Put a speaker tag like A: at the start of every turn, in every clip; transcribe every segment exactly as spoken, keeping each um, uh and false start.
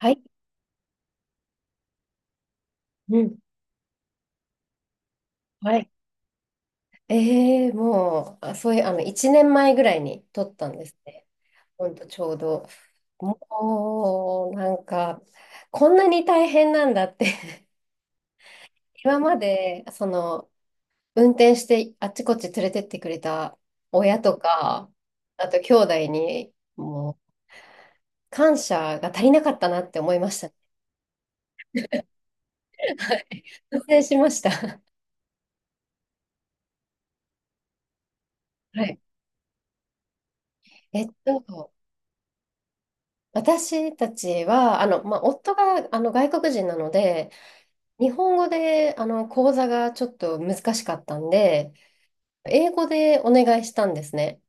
A: はい。うん。はい。ええもう、あ、そういう、あの、いちねんまえぐらいに撮ったんですね。ほんと、ちょうど。もう、なんか、こんなに大変なんだって。 今まで、その、運転してあっちこっち連れてってくれた親とか、あと兄弟に、もう、感謝が足りなかったなって思いました。はい。反省しました。はい。えっと、私たちは、あの、まあ、夫が、あの、外国人なので、日本語で、あの、講座がちょっと難しかったんで、英語でお願いしたんですね。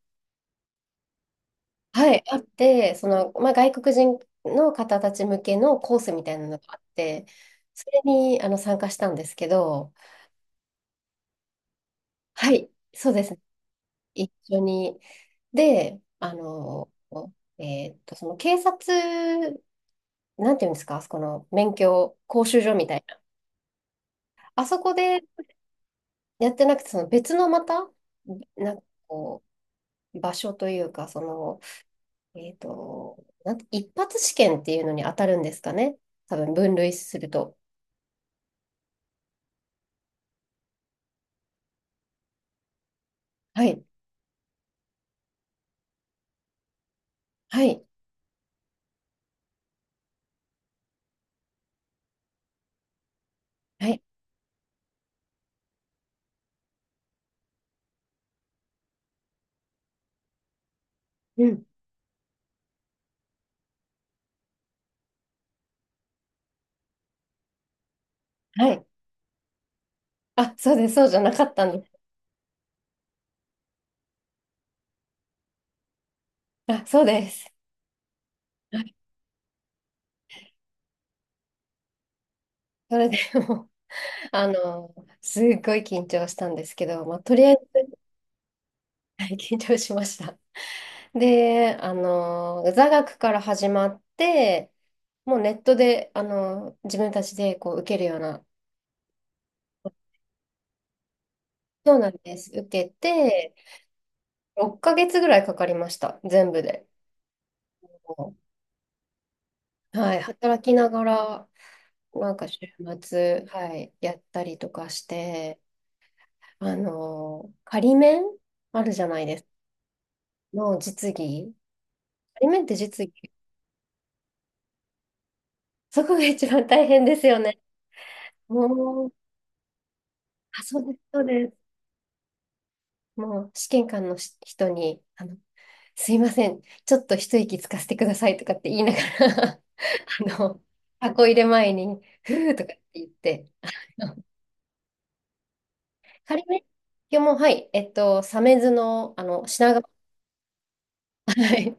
A: はい、あって、その、まあ、外国人の方たち向けのコースみたいなのがあって、それに、あの、参加したんですけど、はい、そうですね。一緒に。で、あの、えーっと、その警察、なんていうんですか、あそこの免許講習所みたいな。あそこでやってなくて、その別のまた、なんかこう、場所というか、その、えっと、なんて一発試験っていうのに当たるんですかね。多分分類すると。はい、はい、はい、うん、はい。あ、そうです、そうじゃなかったんです。あ、そうです。はい、それでもう、あの、すっごい緊張したんですけど、まあ、とりあえず、はい、緊張しました。で、あの、座学から始まって、もうネットで、あの、自分たちでこう受けるような、そうなんです。受けて、ろっかげつぐらいかかりました、全部で。はい、働きながら、なんか週末、はい、やったりとかして、あの、仮免あるじゃないですか。の実技。仮免って実技。そこが一番大変ですよね。もう、あ、そうです、そうです。もう、試験官のし人に、あの、すいません、ちょっと一息つかせてくださいとかって言いながら あの、箱入れ前に、ふーとかって言って、あの仮今日も、はい、えっと、鮫洲の、あの、品川、はい、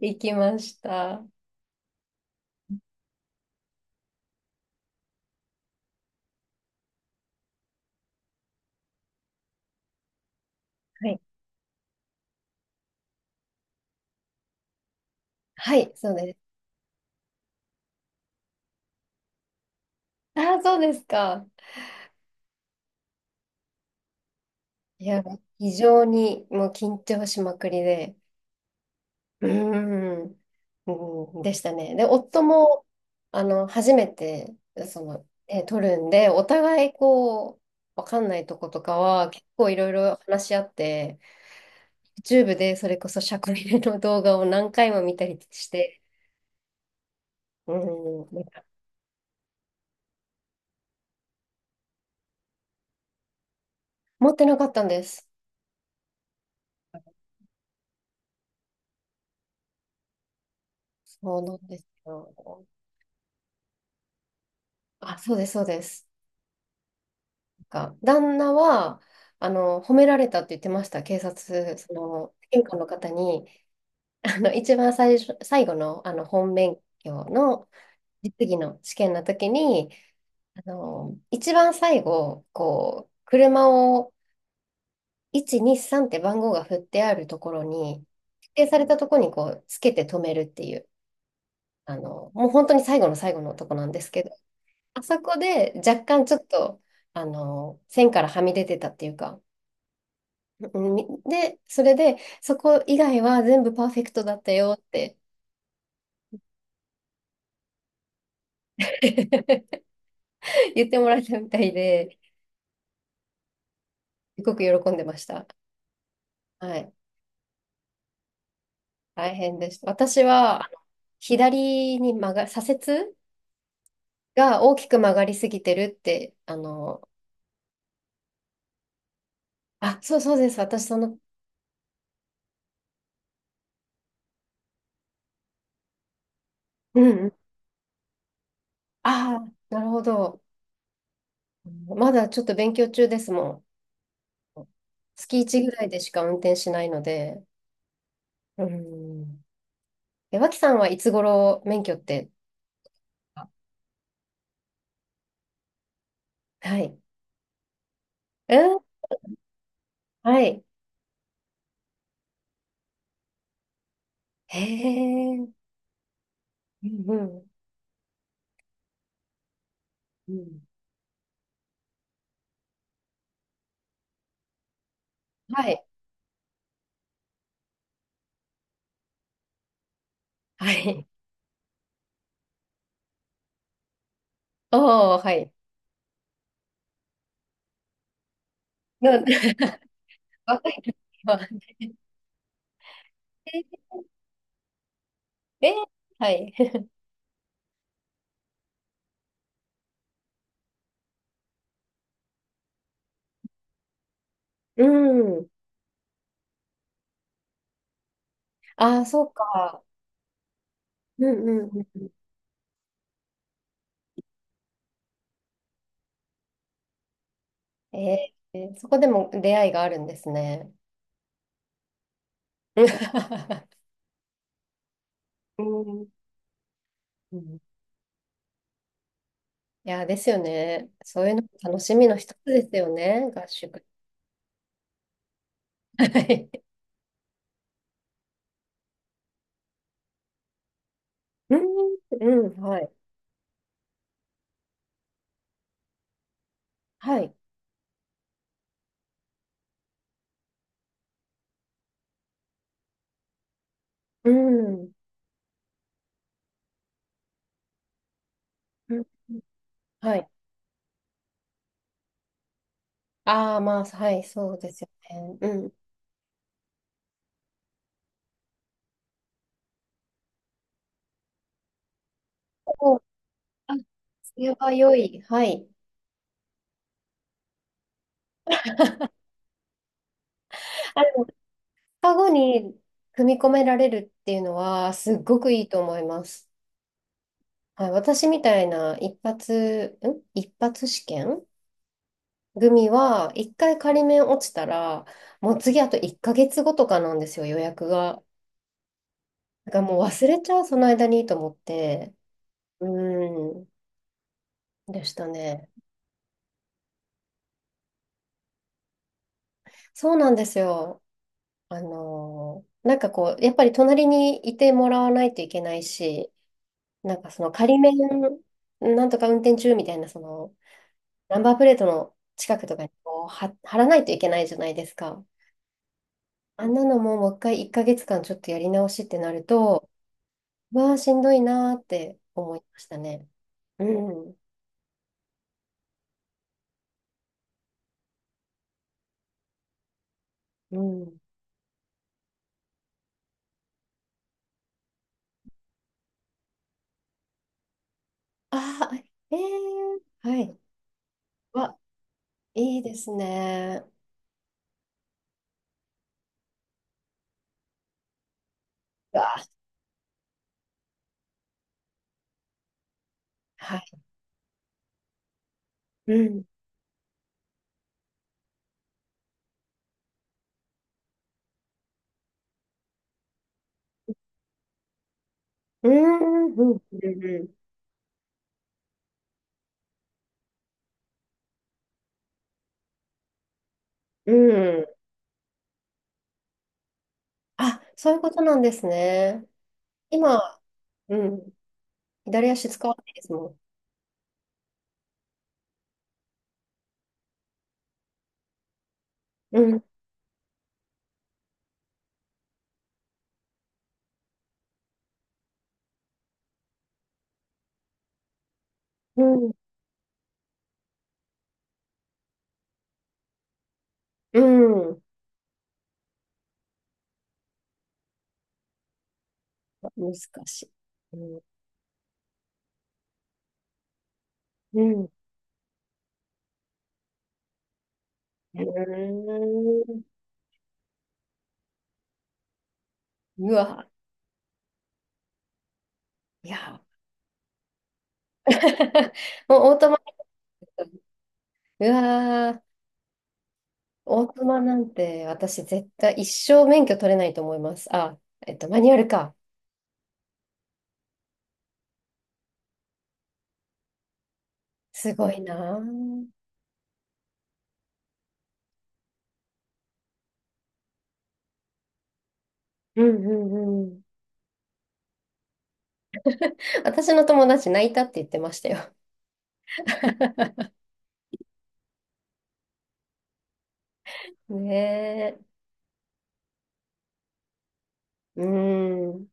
A: 行きました。はい、はい、そうです。ああ、そうですか。いや、非常にもう緊張しまくりで、うーん、うん、でしたね。で、夫も、あの、初めて、その、えー、取るんで、お互い、こう、わかんないとことかは、結構いろいろ話し合って、YouTube でそれこそ社会の動画を何回も見たりして、うん、持ってなかったんです。そうなんですよ。あ、そうです、そうです。なんか、旦那は、あの、褒められたって言ってました。警察、その、玄関の方に、あの、一番最初、最後の、あの、本免許の実技の試験の時に、あの、一番最後、こう、車をいち、に、さんって番号が振ってあるところに、指定されたところに、こう、つけて止めるっていう、あの、もう本当に最後の最後のとこなんですけど、あそこで若干ちょっと、あの、線からはみ出てたっていうか、うんみで、それで、そこ以外は全部パーフェクトだったよって 言ってもらえたみたいで、すごく喜んでました。はい。大変でした。私は、あの左に曲が、左折が大きく曲がりすぎてるって、あの、あ、そうそうです。私、その、うんうん。ああ、なるほど。まだちょっと勉強中ですもん。月いちぐらいでしか運転しないので、うん。え、脇さんはいつ頃免許って、あ、はい。うん、はい。へえ。うんうん。うん。はい。はい。おー、はい。な 若い時は。えー、え、はい。うん。ああ、そうか。うんうんうんうん。えー、そこでも出会いがあるんですね。うんうん。いやー、ですよね。そういうのも楽しみの一つですよね、合宿。はい。うん、うん、はい。はい。うん、うん、はい。ああ、まあ、はい、そうですよね。うん。おー、あ、それは良い。はい。あの、カゴに組み込められるっていうのは、すっごくいいと思います。はい、私みたいな一発、ん一発試験組は、一回仮免落ちたら、もう次あといっかげつごとかなんですよ、予約が。だからもう忘れちゃう、その間にと思って、うーん、でしたね。そうなんですよ。あのー、なんかこう、やっぱり隣にいてもらわないといけないし、なんかその仮免、なんとか運転中みたいな、その、ナンバープレートの近くとかにこうは貼らないといけないじゃないですか。あんなのももう一回いっかげつかんちょっとやり直しってなると、うわあ、しんどいなーって思いましたね。うん。うん。ああ、ええー、はい。わ、いいですね。うわ、はい。うん。うん、うん、うん、うん。あ、そういうことなんですね。今、うん。左足使わないですもん。うん、うん、うん。難しい。うん、うん。うーん、うわ、いや。もうオートマ、うわー、オートマなんて私絶対一生免許取れないと思います。あ、えっと、マニュアルか。すごいなー。うんうんうん。私の友達泣いたって言ってましたよ。ねえ。うーん。